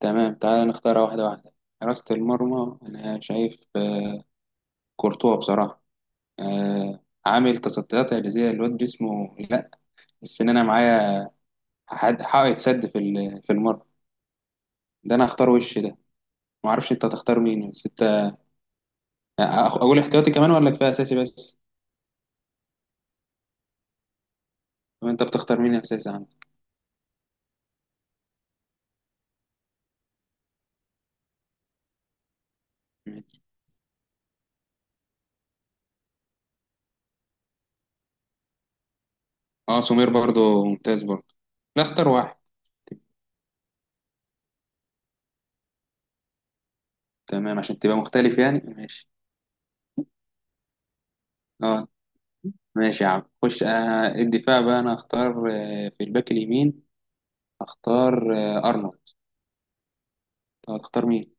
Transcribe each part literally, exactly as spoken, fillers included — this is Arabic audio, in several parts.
تمام، تعال نختارها واحدة واحدة. حراسة المرمى أنا شايف آه، كورتوا بصراحة. آه عامل تصديات إعجازية. الواد جسمه، لا، السنانة معايا. حد حائط سد في ال- في المرمى. ده أنا هختار وش ده. معرفش أنت هتختار مين، بس أنت آه، أخ- أقول احتياطي كمان ولا كفاية أساسي بس؟ طب أنت بتختار مين أساسي عندك؟ ماشي. أه، سمير برضو ممتاز برضو. لا، اختار واحد. تمام، عشان تبقى مختلف يعني، ماشي. أه. ماشي يا عم، خش. آه الدفاع بقى أنا هختار آه في الباك اليمين. اختار آه، ارنولد. طب هتختار مين؟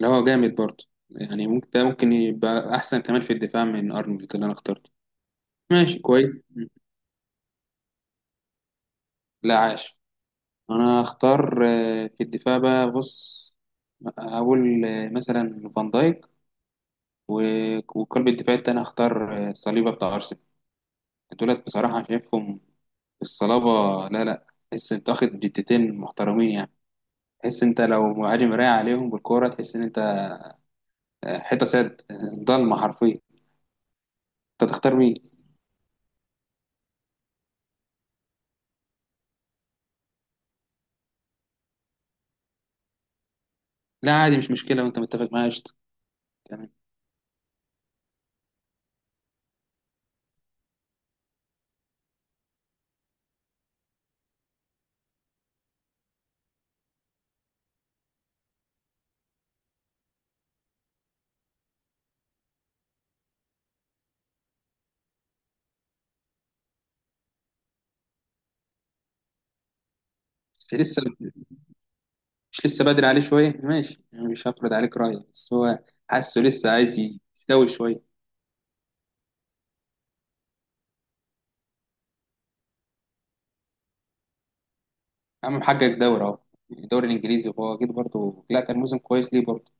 اللي هو جامد برضه، يعني ممكن ده ممكن يبقى احسن كمان في الدفاع من ارنولد اللي انا اخترته. ماشي، كويس. م. لا، عاش. انا هختار آه، في الدفاع بقى. بص، هقول آه، مثلا فان دايك، آه، وقلب الدفاع التاني هختار آه، صليبة بتاع ارسنال. دولت بصراحة شايفهم الصلابة. لا لا، تحس انت واخد جتتين محترمين يعني. تحس انت لو مهاجم رايح عليهم بالكورة، تحس ان انت آه، حيطة سد، آه، ضلمة حرفيا. انت تختار مين؟ لا عادي، مش مشكلة، وانت متفق معايا، قشطة. تمام. بس لسه، مش لسه بدري عليه شوية؟ ماشي يعني، مش هفرض عليك رأيي، بس هو حاسه لسه عايز يستوي شوية. يا عم محقق دوري اهو، يعني الدوري الإنجليزي، وهو أكيد برضه، لا، كان موسم كويس ليه برضه.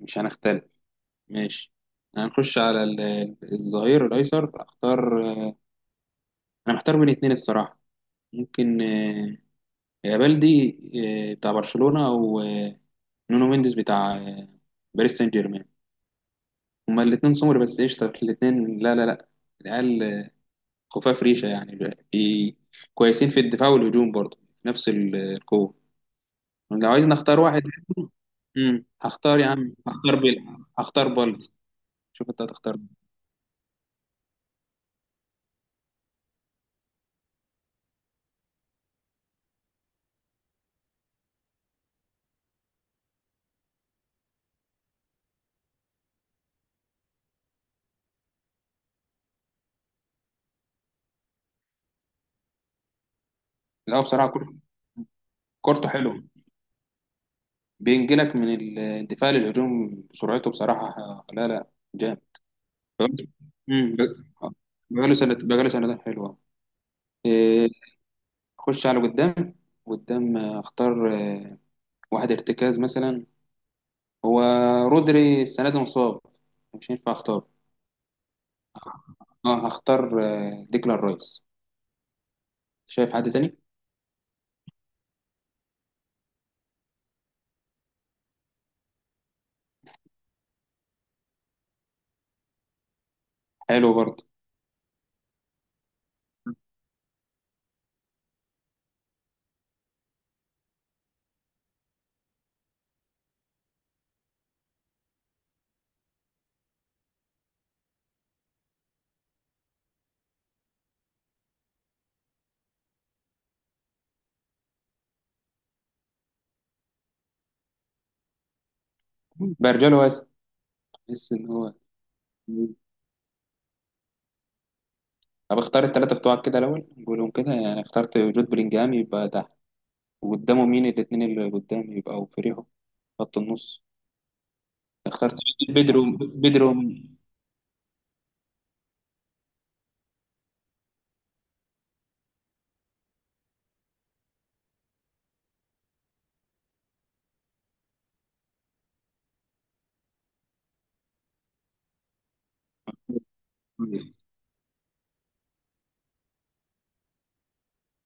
مش هنختلف، ماشي. هنخش على ال- ال- الظهير الأيسر. أختار، أنا محتار بين اتنين الصراحة. ممكن آه، يا بلدي آه، بتاع برشلونة، أو آه، نونو مينديز بتاع آه، باريس سان جيرمان. هما الاتنين سمر بس قشطة الاتنين. لا لا لا، العيال خفاف ريشة يعني، ب- بي... كويسين في الدفاع والهجوم برضه، نفس ال- القوة. لو عايز نختار واحد، امم هختار يا عم، هختار بيلعب، هختار بالدي. شوف انت هتختار مين. لا هو بصراحة كور- كورته حلوة، بينجلك من ال- الدفاع للهجوم بسرعته، بصراحة لا لا جامد. بقاله- امم ب- بقاله سنة، بقاله سنتين حلوة. إيه، اخش على قدام. قدام آه، اختار آه، واحد ارتكاز مثلا. هو رودري السنة دي مصاب، مش هينفع اختار. اه، هختار آه، ديكلان رايس. شايف حد تاني؟ حلو برضه. برجلو بس، بحس ان هو، طب اختار التلاتة بتوعك كده الاول، نقولهم كده يعني. اخترت جود بلينجهام، يبقى ده، وقدامه مين الاتنين اللي قدام يبقى فريقهم، خط النص. اخترت بيدرو بيدرو.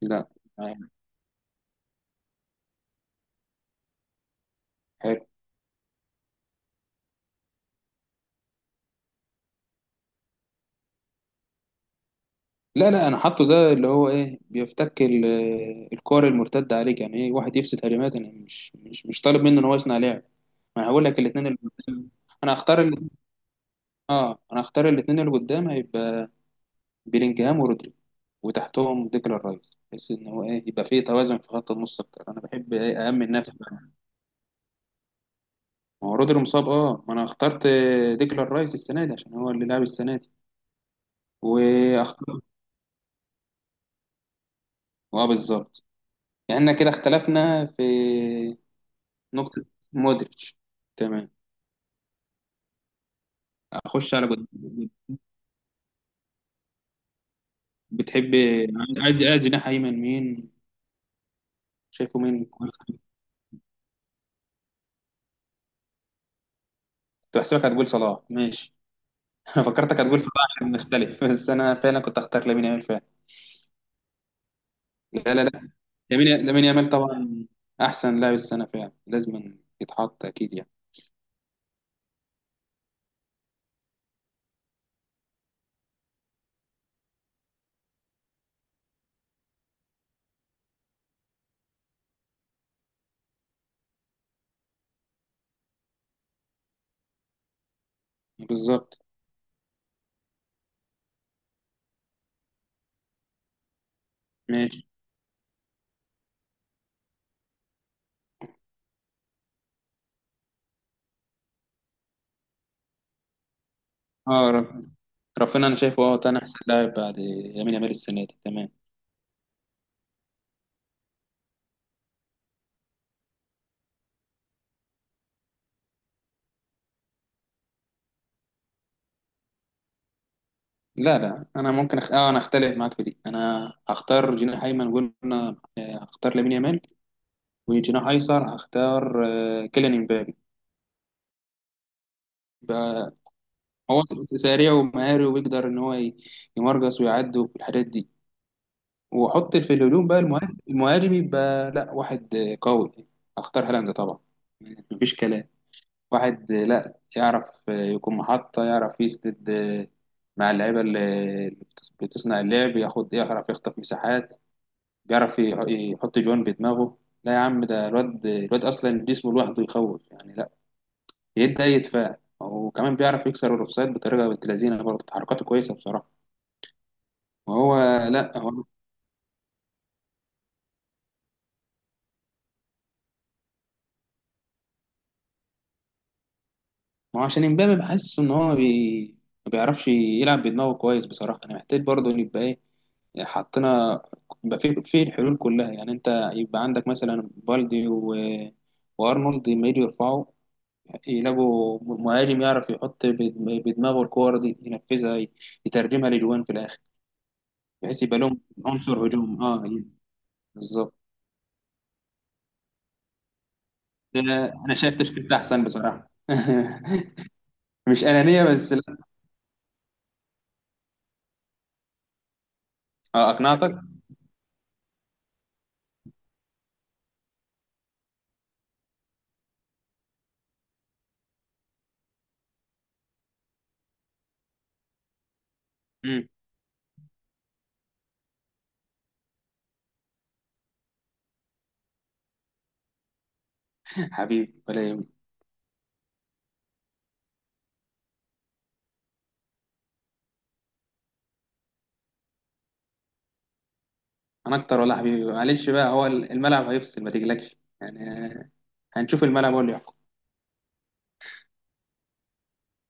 لا آه، حلو. لا لا، انا حاطه ده اللي هو ايه، بيفتك ال- الكور المرتده عليك، يعني ايه واحد يفسد هجمات. انا مش مش مش طالب منه ان هو يصنع لعب. ما انا هقول لك الاثنين اللي قدام. انا هختار ال... اه، انا هختار الاثنين اللي قدام، هيبقى بيلينجهام ورودري، وتحتهم ديكلان رايس، بحيث ان هو ايه يبقى فيه توازن في خط النص اكتر. انا بحب ايه، اهم النفس. ما هو رودري مصاب. اه، ما انا اخترت ديكلان رايس السنه دي عشان هو اللي لعب السنه دي، واختار، اه بالظبط. يعني احنا كده اختلفنا في نقطة، مودريتش. تمام. أخش على بت- بت- بتحب، عايز، عايز جناح أيمن مين؟ شايفه مين كويس كده؟ كنت بحسبك هتقول صلاح، ماشي. أنا فكرتك هتقول صلاح عشان نختلف، بس أنا فعلا كنت أختار لامين يامال فعلا. لا لا لا، لامين، لامين يامال طبعا. أحسن لاعب السنة فعلا، لازم يتحط أكيد يعني. بالظبط، ماشي. أه رب- ربنا أنا شايفه أه تاني أحسن لاعب بعد لامين يامال السنة دي، تمام. لا لا انا ممكن أخ... اه، انا اختلف معاك في دي. انا هختار جناح ايمن، قلنا آه، هختار لامين يامال، وجناح ايسر هختار آه، كيليان امبابي بقى. هو س- سريع ومهاري، وبيقدر ان هو ي- يمرقص ويعدي والحاجات دي. واحط في الهجوم بقى المهاجم، المهاجم يبقى لا واحد آه، قوي. هختار هالاند طبعا، مفيش كلام. واحد آه، لا يعرف آه، يكون محطة، يعرف يسند آه، مع اللعيبة اللي اللي بتص- بتصنع اللعب. ياخد، يعرف يخطف مساحات، بيعرف يح- يحط جوان بدماغه. لا يا عم، ده الواد، الواد اصلا جسمه لوحده يخوف يعني. لا يدي اي دفاع، وكمان بيعرف يكسر الاوفسايد بطريقه بنت لذينه، برضه حركاته كويسه بصراحه. وهو لا هو ما هو عشان امبابي بحس ان هو بي... ما بيعرفش يلعب بدماغه كويس بصراحه. انا محتاج برضه ان يبقى ايه، حطينا، يبقى في في الحلول كلها يعني. انت يبقى عندك مثلا بالدي و... وارنولد، لما يجي يرفعوا يلاقوا مهاجم يعرف يحط بدم- بدماغه الكور دي، ينفذها، ي- يترجمها لجوان في الاخر، بحيث يبقى لهم عنصر هجوم اه يعني. بالظبط. ده انا شايف تشكيلتها احسن بصراحه. مش انانيه بس، لا. آه، اقنعتك. مم. حبيبي، ولا يهمك. انا اكتر، ولا حبيبي، معلش بقى، هو الملعب هيفصل، ما تقلقش، يعني آه، هنشوف، الملعب هو اللي